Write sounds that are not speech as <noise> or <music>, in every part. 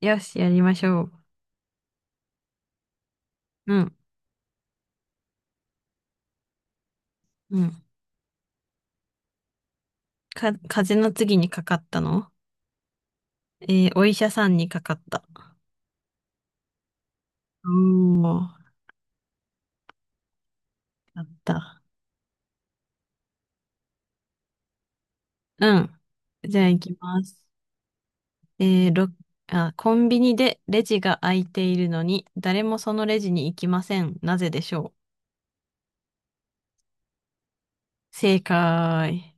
よし、やりましょう。うん、うん。風邪の次にかかったの？お医者さんにかかった。おー、あった。うん。じゃあ行きます。えー、ろ、あ、コンビニでレジが空いているのに、誰もそのレジに行きません。なぜでしょう？正解。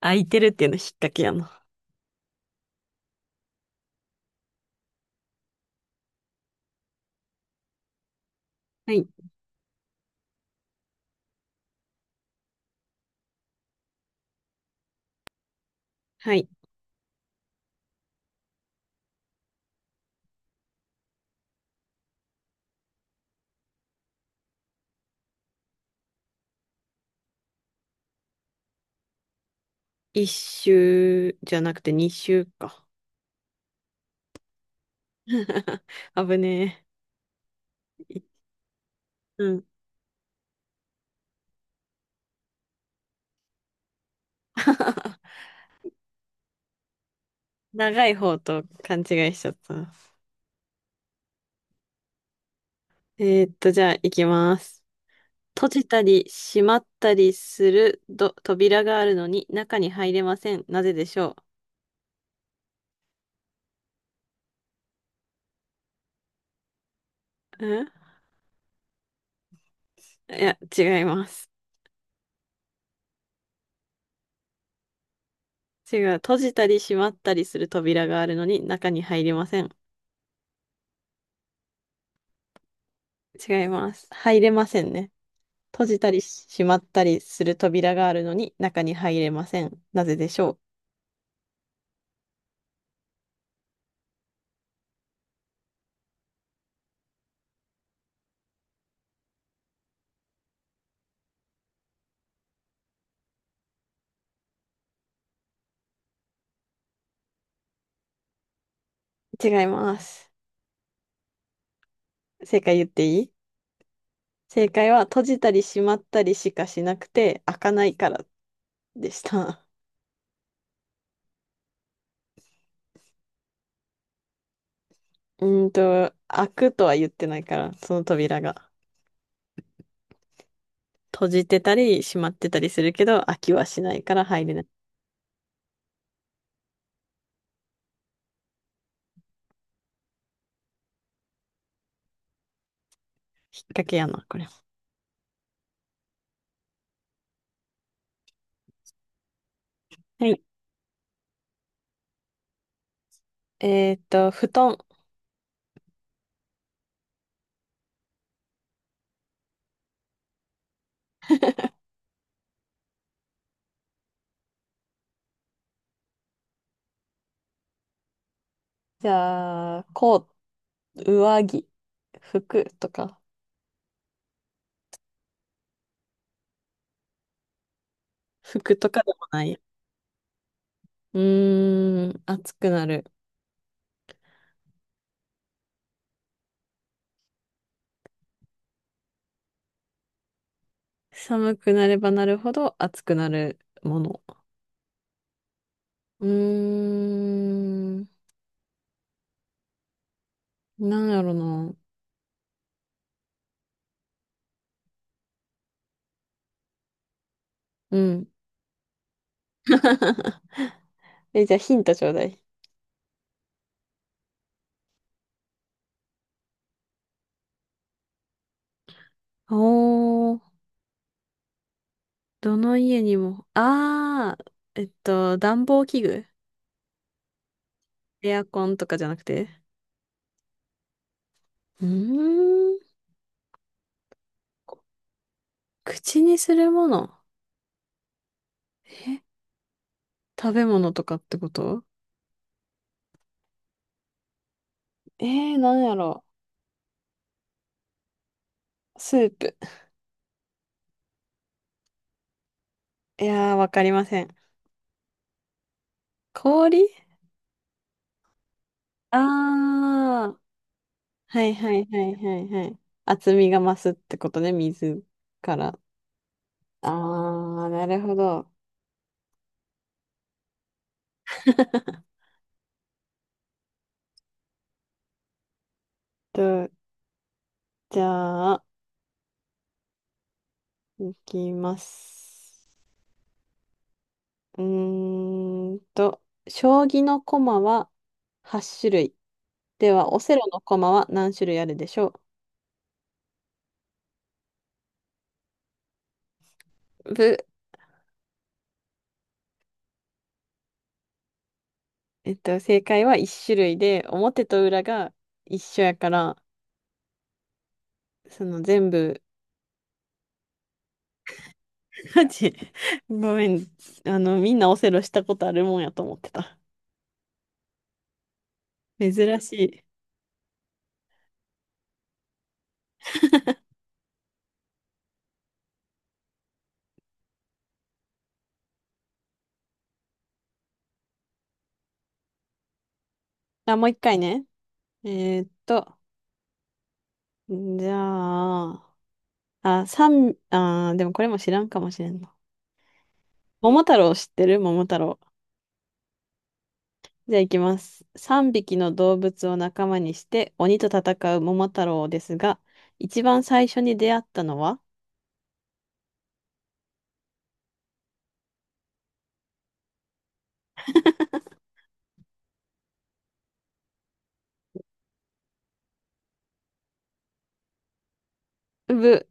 空いてるっていうの引っ掛けやな。はい。はい。一周じゃなくて二周か。<laughs> 危ねえ。うん。<laughs> 長い方と勘違いしちゃった。じゃあ、行きます。閉じたり閉まったりする扉があるのに中に入れません。なぜでしょう？うん、いや、違います。違う。閉じたり閉まったりする扉があるのに中に入れません。違います。入れませんね。閉じたり閉まったりする扉があるのに中に入れません。なぜでしょう？違います。正解言っていい？正解は閉じたり閉まったりしかしなくて開かないからでした。<laughs> 開くとは言ってないから、その扉が。閉じてたり、閉まってたりするけど、開きはしないから入れない。引っ掛けやな、これは。はい。布団。じゃあ、コート、上着、服とか。服とかでもない。うーん、暑くなる。寒くなればなるほど暑くなるもの。うーん、なんやろな。うん。<laughs> え、じゃあヒントちょうだい。おー。どの家にも、ああ、暖房器具。エアコンとかじゃなくて。うーん、口にするもの。え、食べ物とかってこと？えなんやろう。スープ。いやー、わかりません。氷？ああー、はいはいはいはいはい。厚みが増すってことね、水から。ああ、なるほど。と、じゃあ、いきます。うーんと、将棋の駒は8種類。では、オセロの駒は何種類あるでしょう？ぶ、えっと、正解は1種類で、表と裏が一緒やから、その全部、<laughs> マジごめん。あの、みんなオセロしたことあるもんやと思ってた。珍しい。あ、もう一回ね。えーっと、じゃあ、あ、三、あー、でもこれも知らんかもしれんな。桃太郎知ってる？桃太郎。じゃあ行きます。3匹の動物を仲間にして鬼と戦う桃太郎ですが、一番最初に出会ったのは？うぶ。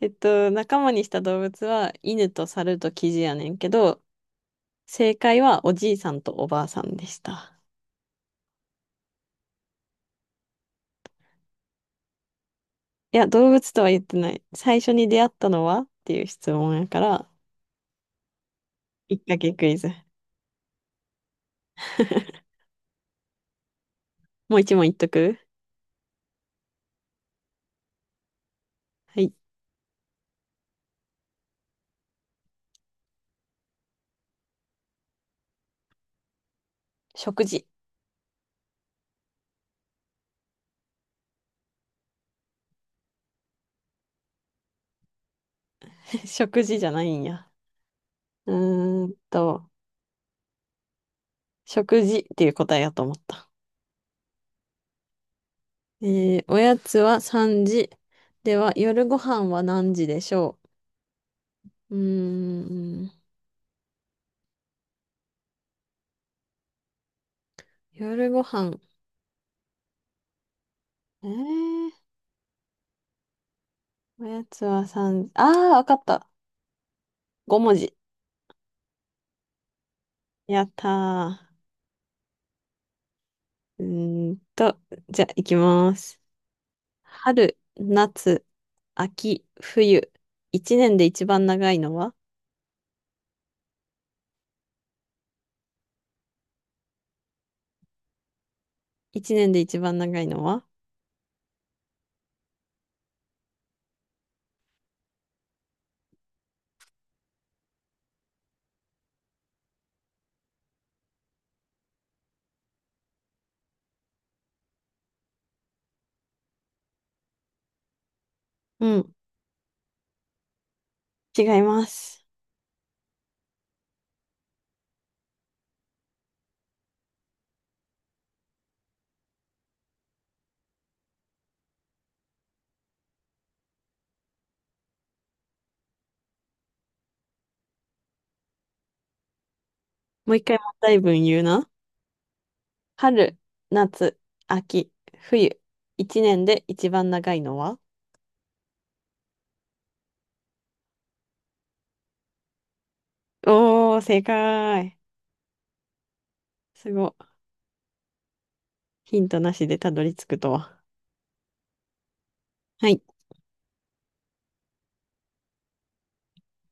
仲間にした動物は犬と猿とキジやねんけど、正解はおじいさんとおばあさんでした。いや、動物とは言ってない。最初に出会ったのはっていう質問やから、きっかけクイズ。<laughs> もう一問言っとく？はい。食事。<laughs> 食事じゃないんや。うーんと、食事っていう答えやと思った。えおやつは3時。では、夜ご飯は何時でしょう？うーん、夜ご飯。えー、おやつは3時。あー、わかった。5文字。やったー。じゃあ、いきます。春、夏、秋、冬。一年で一番長いのは？一年で一番長いのは？うん、違います。もう一回問題文言うな。春、夏、秋、冬。一年で一番長いのは？おー、正解。すごい。ヒントなしでたどり着くとは。はい。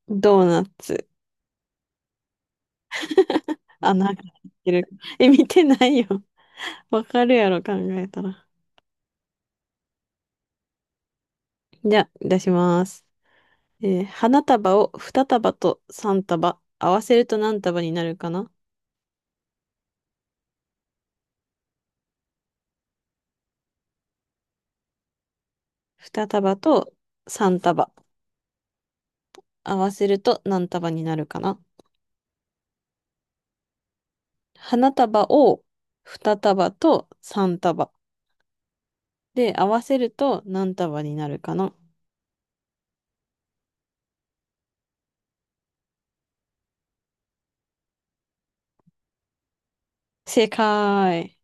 ドーナツ。あ、なんか知ってる。え、見てないよ。わかるやろ、考えたら。じゃあ、出します。花束を2束と3束。合わせると何束になるかな ?2 束と3束。合わせると何束になるかな？花束を2束と3束。で、合わせると何束になるかな。正解。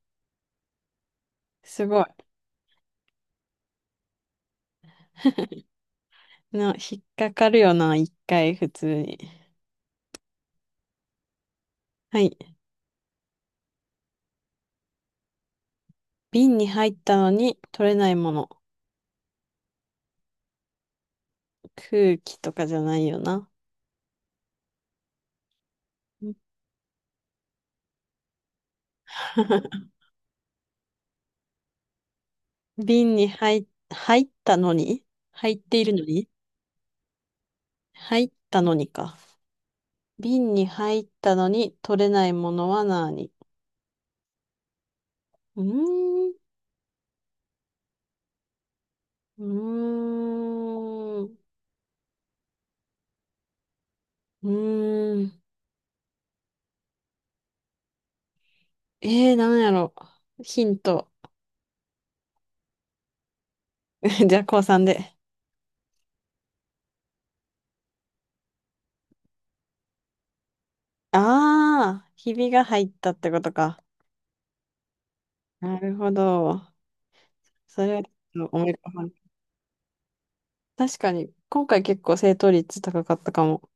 すごい。な、引っかかるよな、一回普通に。はい。瓶に入ったのに取れないもの。空気とかじゃないよな。うん <laughs> 瓶に入ったのに入っているのに入ったのにか。瓶に入ったのに取れないものは何？うーん。うーん。うーん。なんやろ。ヒント。<laughs> じゃあ、高3で。ああ、ひびが入ったってことか。なるほど。それはちょっと思い浮かばない。確かに、今回結構正答率高かったかも。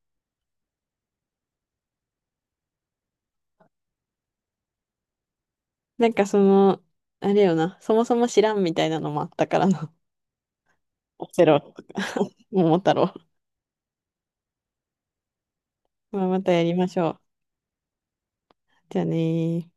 なんかその、あれよな、そもそも知らんみたいなのもあったからな。<laughs> オセロとか、<laughs> 桃太郎。まあ、またやりましょう。じゃあねー。